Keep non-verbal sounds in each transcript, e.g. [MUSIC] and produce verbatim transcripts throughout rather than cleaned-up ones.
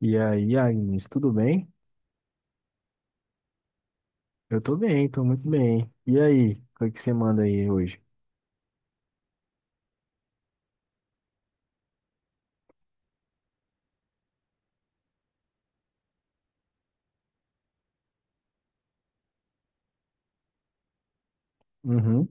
E aí, Agnes, tudo bem? Eu tô bem, tô muito bem. E aí, o que é que você manda aí hoje? Uhum.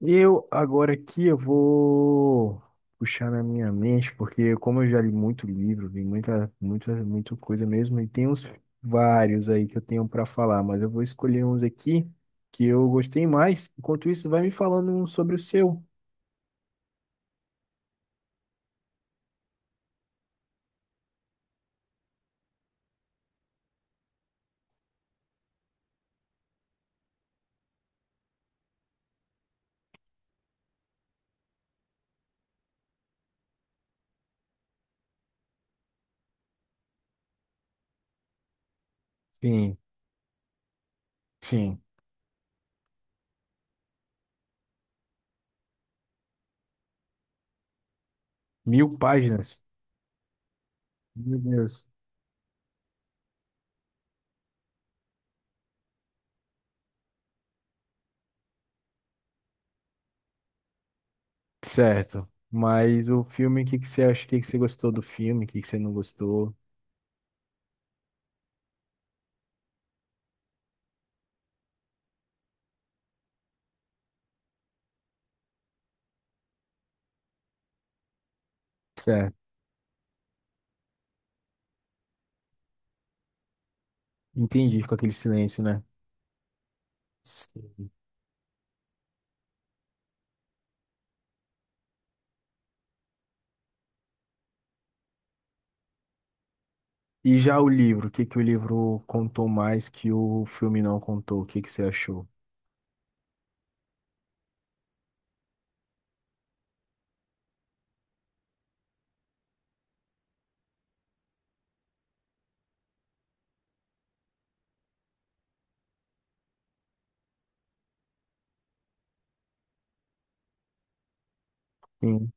Eu, agora aqui, eu vou puxar na minha mente, porque como eu já li muito livro, vi muita, muita, muita coisa mesmo, e tem uns vários aí que eu tenho pra falar, mas eu vou escolher uns aqui que eu gostei mais. Enquanto isso, vai me falando um sobre o seu. Sim, sim. Mil páginas. Meu Deus. Certo. Mas o filme, o que que você acha? O que que você gostou do filme? O que que você não gostou? Certo. Entendi, com aquele silêncio, né? Sim. E já o livro, o que que o livro contou mais que o filme não contou? O que que você achou? Sim.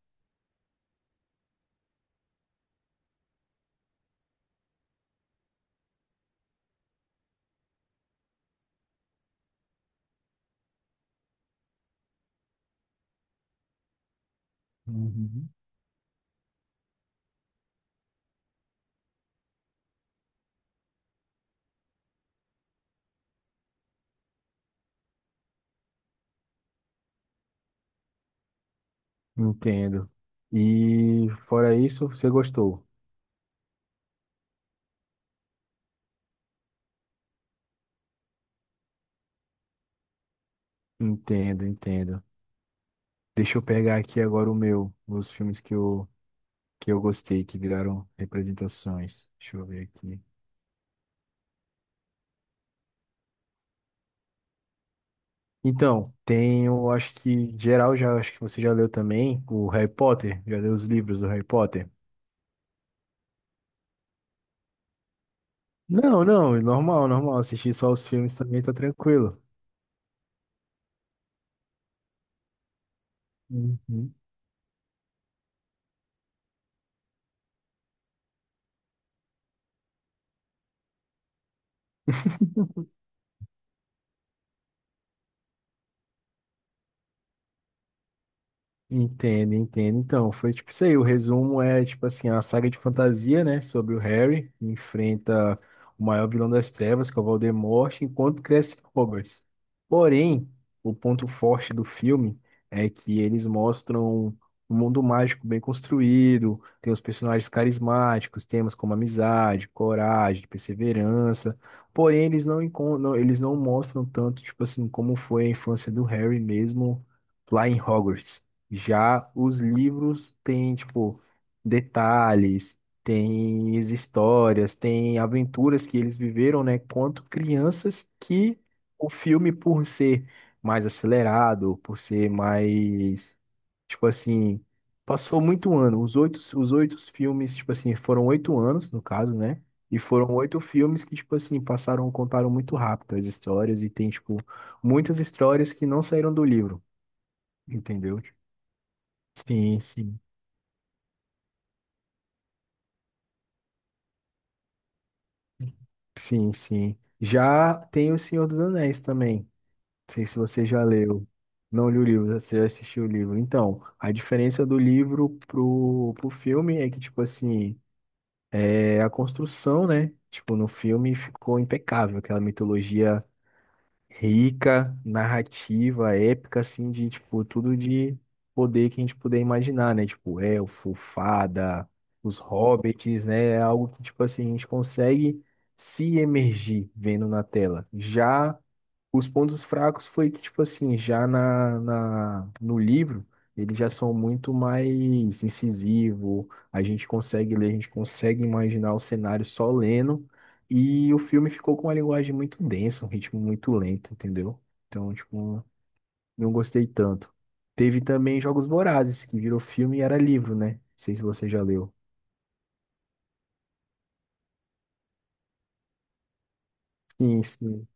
Uhum. Entendo. E fora isso, você gostou? Entendo, entendo. Deixa eu pegar aqui agora o meu, os filmes que eu, que eu gostei, que viraram representações. Deixa eu ver aqui. Então, tem, eu acho que geral já, acho que você já leu também o Harry Potter, já leu os livros do Harry Potter? Não, não, é normal, normal, assistir só os filmes também tá tranquilo. Uhum. Entendo, entendo. Então, foi tipo isso aí. O resumo é, tipo assim, a saga de fantasia, né? Sobre o Harry, que enfrenta o maior vilão das trevas, que é o Voldemort, enquanto cresce Hogwarts. Porém, o ponto forte do filme é que eles mostram um mundo mágico bem construído, tem os personagens carismáticos, temas como amizade, coragem, perseverança. Porém, eles não, encon- não- eles não mostram tanto, tipo assim, como foi a infância do Harry mesmo lá em Hogwarts. Já os livros têm, tipo, detalhes, têm as histórias, têm aventuras que eles viveram, né, quanto crianças que o filme, por ser mais acelerado, por ser mais, tipo assim, passou muito ano. Os oito, os oito filmes, tipo assim, foram oito anos, no caso, né? E foram oito filmes que, tipo assim, passaram, contaram muito rápido as histórias e tem, tipo, muitas histórias que não saíram do livro, entendeu? Sim, sim, sim, sim. Já tem O Senhor dos Anéis também. Não sei se você já leu. Não li o livro, você assistiu o livro. Então, a diferença do livro pro, pro filme é que, tipo assim, é a construção, né? Tipo, no filme ficou impecável, aquela mitologia rica, narrativa, épica, assim, de, tipo, tudo de poder que a gente puder imaginar, né? Tipo, elfo, fada, os hobbits, né? É algo que, tipo assim, a gente consegue se emergir vendo na tela. Já os pontos fracos foi que, tipo assim, já na, na, no livro, eles já são muito mais incisivos, a gente consegue ler, a gente consegue imaginar o cenário só lendo, e o filme ficou com uma linguagem muito densa, um ritmo muito lento, entendeu? Então, tipo, não gostei tanto. Teve também Jogos Vorazes, que virou filme e era livro, né? Não sei se você já leu. Sim, sim.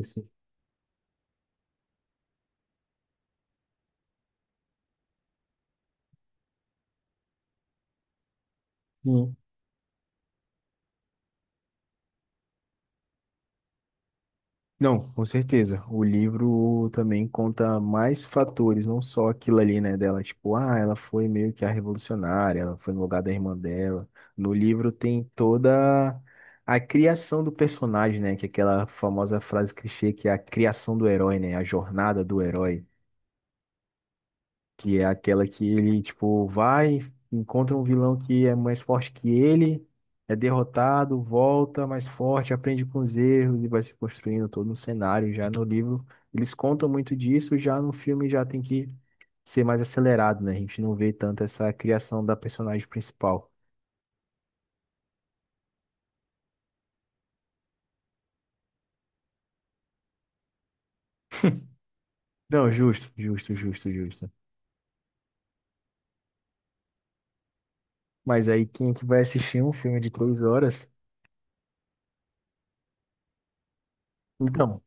Isso. Sim. Não, com certeza. O livro também conta mais fatores, não só aquilo ali, né, dela. Tipo, ah, ela foi meio que a revolucionária, ela foi no lugar da irmã dela. No livro tem toda a criação do personagem, né, que é aquela famosa frase clichê que é a criação do herói, né, a jornada do herói que é aquela que ele, tipo, vai, encontra um vilão que é mais forte que ele, é derrotado, volta mais forte, aprende com os erros e vai se construindo todo um cenário. Já no livro, eles contam muito disso, já no filme já tem que ser mais acelerado, né? A gente não vê tanto essa criação da personagem principal. Não, justo, justo, justo, justo. Mas aí quem é que vai assistir um filme de três horas? Então,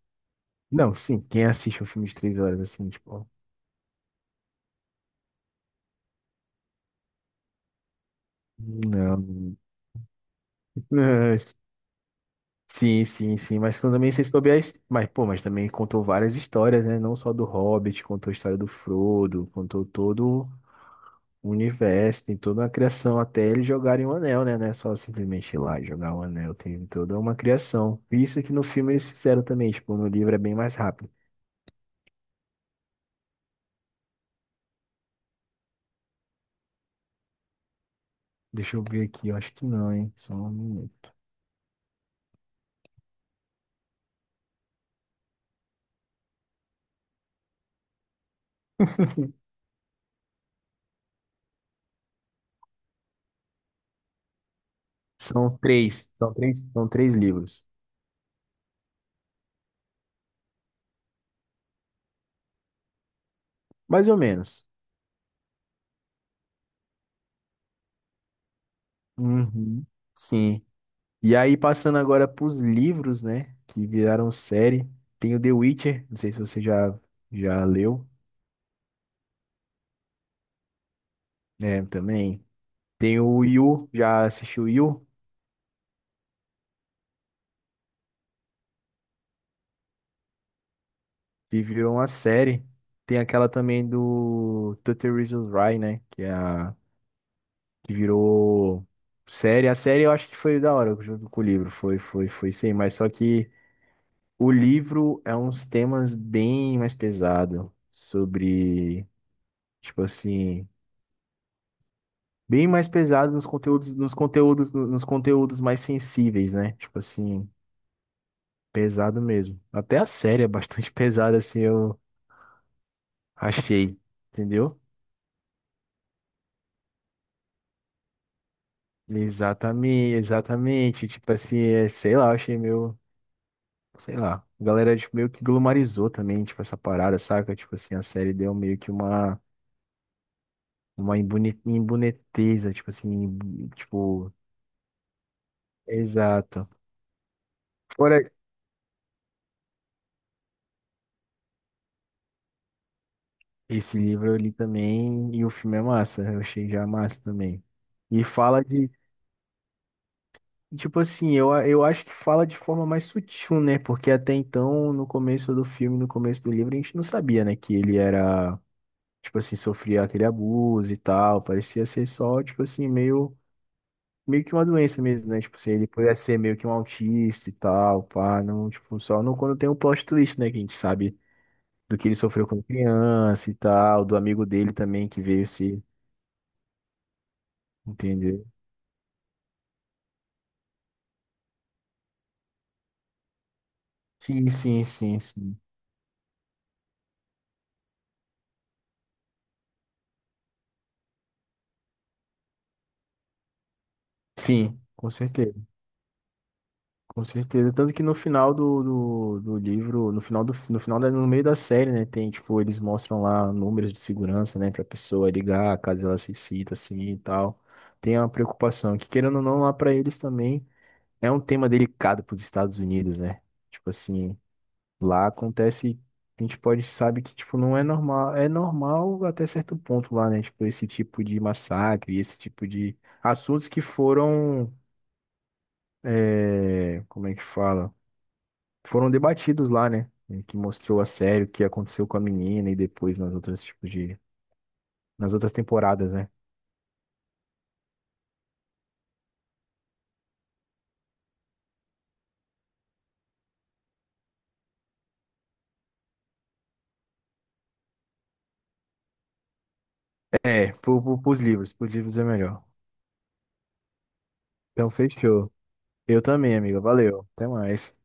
não, sim, quem assiste um filme de três horas, assim, tipo, não. [LAUGHS] Sim, sim, sim, mas também sei sobre as. Mas, pô, mas também contou várias histórias, né? Não só do Hobbit, contou a história do Frodo, contou todo o universo, tem toda uma criação, até eles jogarem o anel, né? Não é só simplesmente ir lá e jogar o anel, tem toda uma criação. Isso que no filme eles fizeram também, tipo, no livro é bem mais rápido. Deixa eu ver aqui, eu acho que não, hein? Só um minuto. São três, são três, são três livros, mais ou menos. Uhum. Sim. E aí, passando agora pros livros, né? Que viraram série. Tem o The Witcher, não sei se você já, já leu, né? Também. Tem o Yu, já assistiu Yu, que virou uma série. Tem aquela também do trinta Reasons Why, né? Que, é a, que virou série. A série eu acho que foi da hora, junto com o livro. Foi, foi, foi sim. Mas só que o livro é uns temas bem mais pesados. Sobre, tipo assim. Bem mais pesado nos conteúdos, nos conteúdos, nos conteúdos mais sensíveis, né? Tipo assim, pesado mesmo. Até a série é bastante [LAUGHS] pesada, assim, eu achei, entendeu? Exatamente, exatamente. Tipo assim, é, sei lá, eu achei meio, sei lá. A galera tipo, meio que glumarizou também, tipo, essa parada, saca? Tipo assim, a série deu meio que uma, uma emboni- imboniteza, tipo assim, imbu- tipo, exato. Esse livro eu li também e o filme é massa, eu achei já massa também. E fala de, tipo assim, eu, a- eu acho que fala de forma mais sutil, né? Porque até então, no começo do filme, no começo do livro, a gente não sabia, né? Que ele era, tipo assim, sofria aquele abuso e tal. Parecia ser só, tipo assim, meio, meio que uma doença mesmo, né? Tipo assim, ele podia ser meio que um autista e tal, pá, não, tipo, só não quando tem o plot twist, né? Que a gente sabe do que ele sofreu quando criança e tal, do amigo dele também que veio se. Entendeu? Sim, sim, sim, sim. Sim, com certeza, com certeza. Tanto que no final do, do, do livro, no final do, no final da- no meio da série, né, tem, tipo, eles mostram lá números de segurança, né, pra pessoa ligar, caso ela se sinta assim e tal. Tem uma preocupação, que querendo ou não, lá pra eles também é um tema delicado pros Estados Unidos, né? Tipo assim, lá acontece, a gente pode, sabe que, tipo, não é normal, é normal até certo ponto lá, né? Tipo, esse tipo de massacre, esse tipo de assuntos que foram é, como é que fala? Foram debatidos lá, né? E que mostrou a sério o que aconteceu com a menina e depois nas outras tipos de, nas outras temporadas, né? É, pro, pro, pros livros, pros livros é melhor. Então fechou. Eu também, amiga. Valeu. Até mais.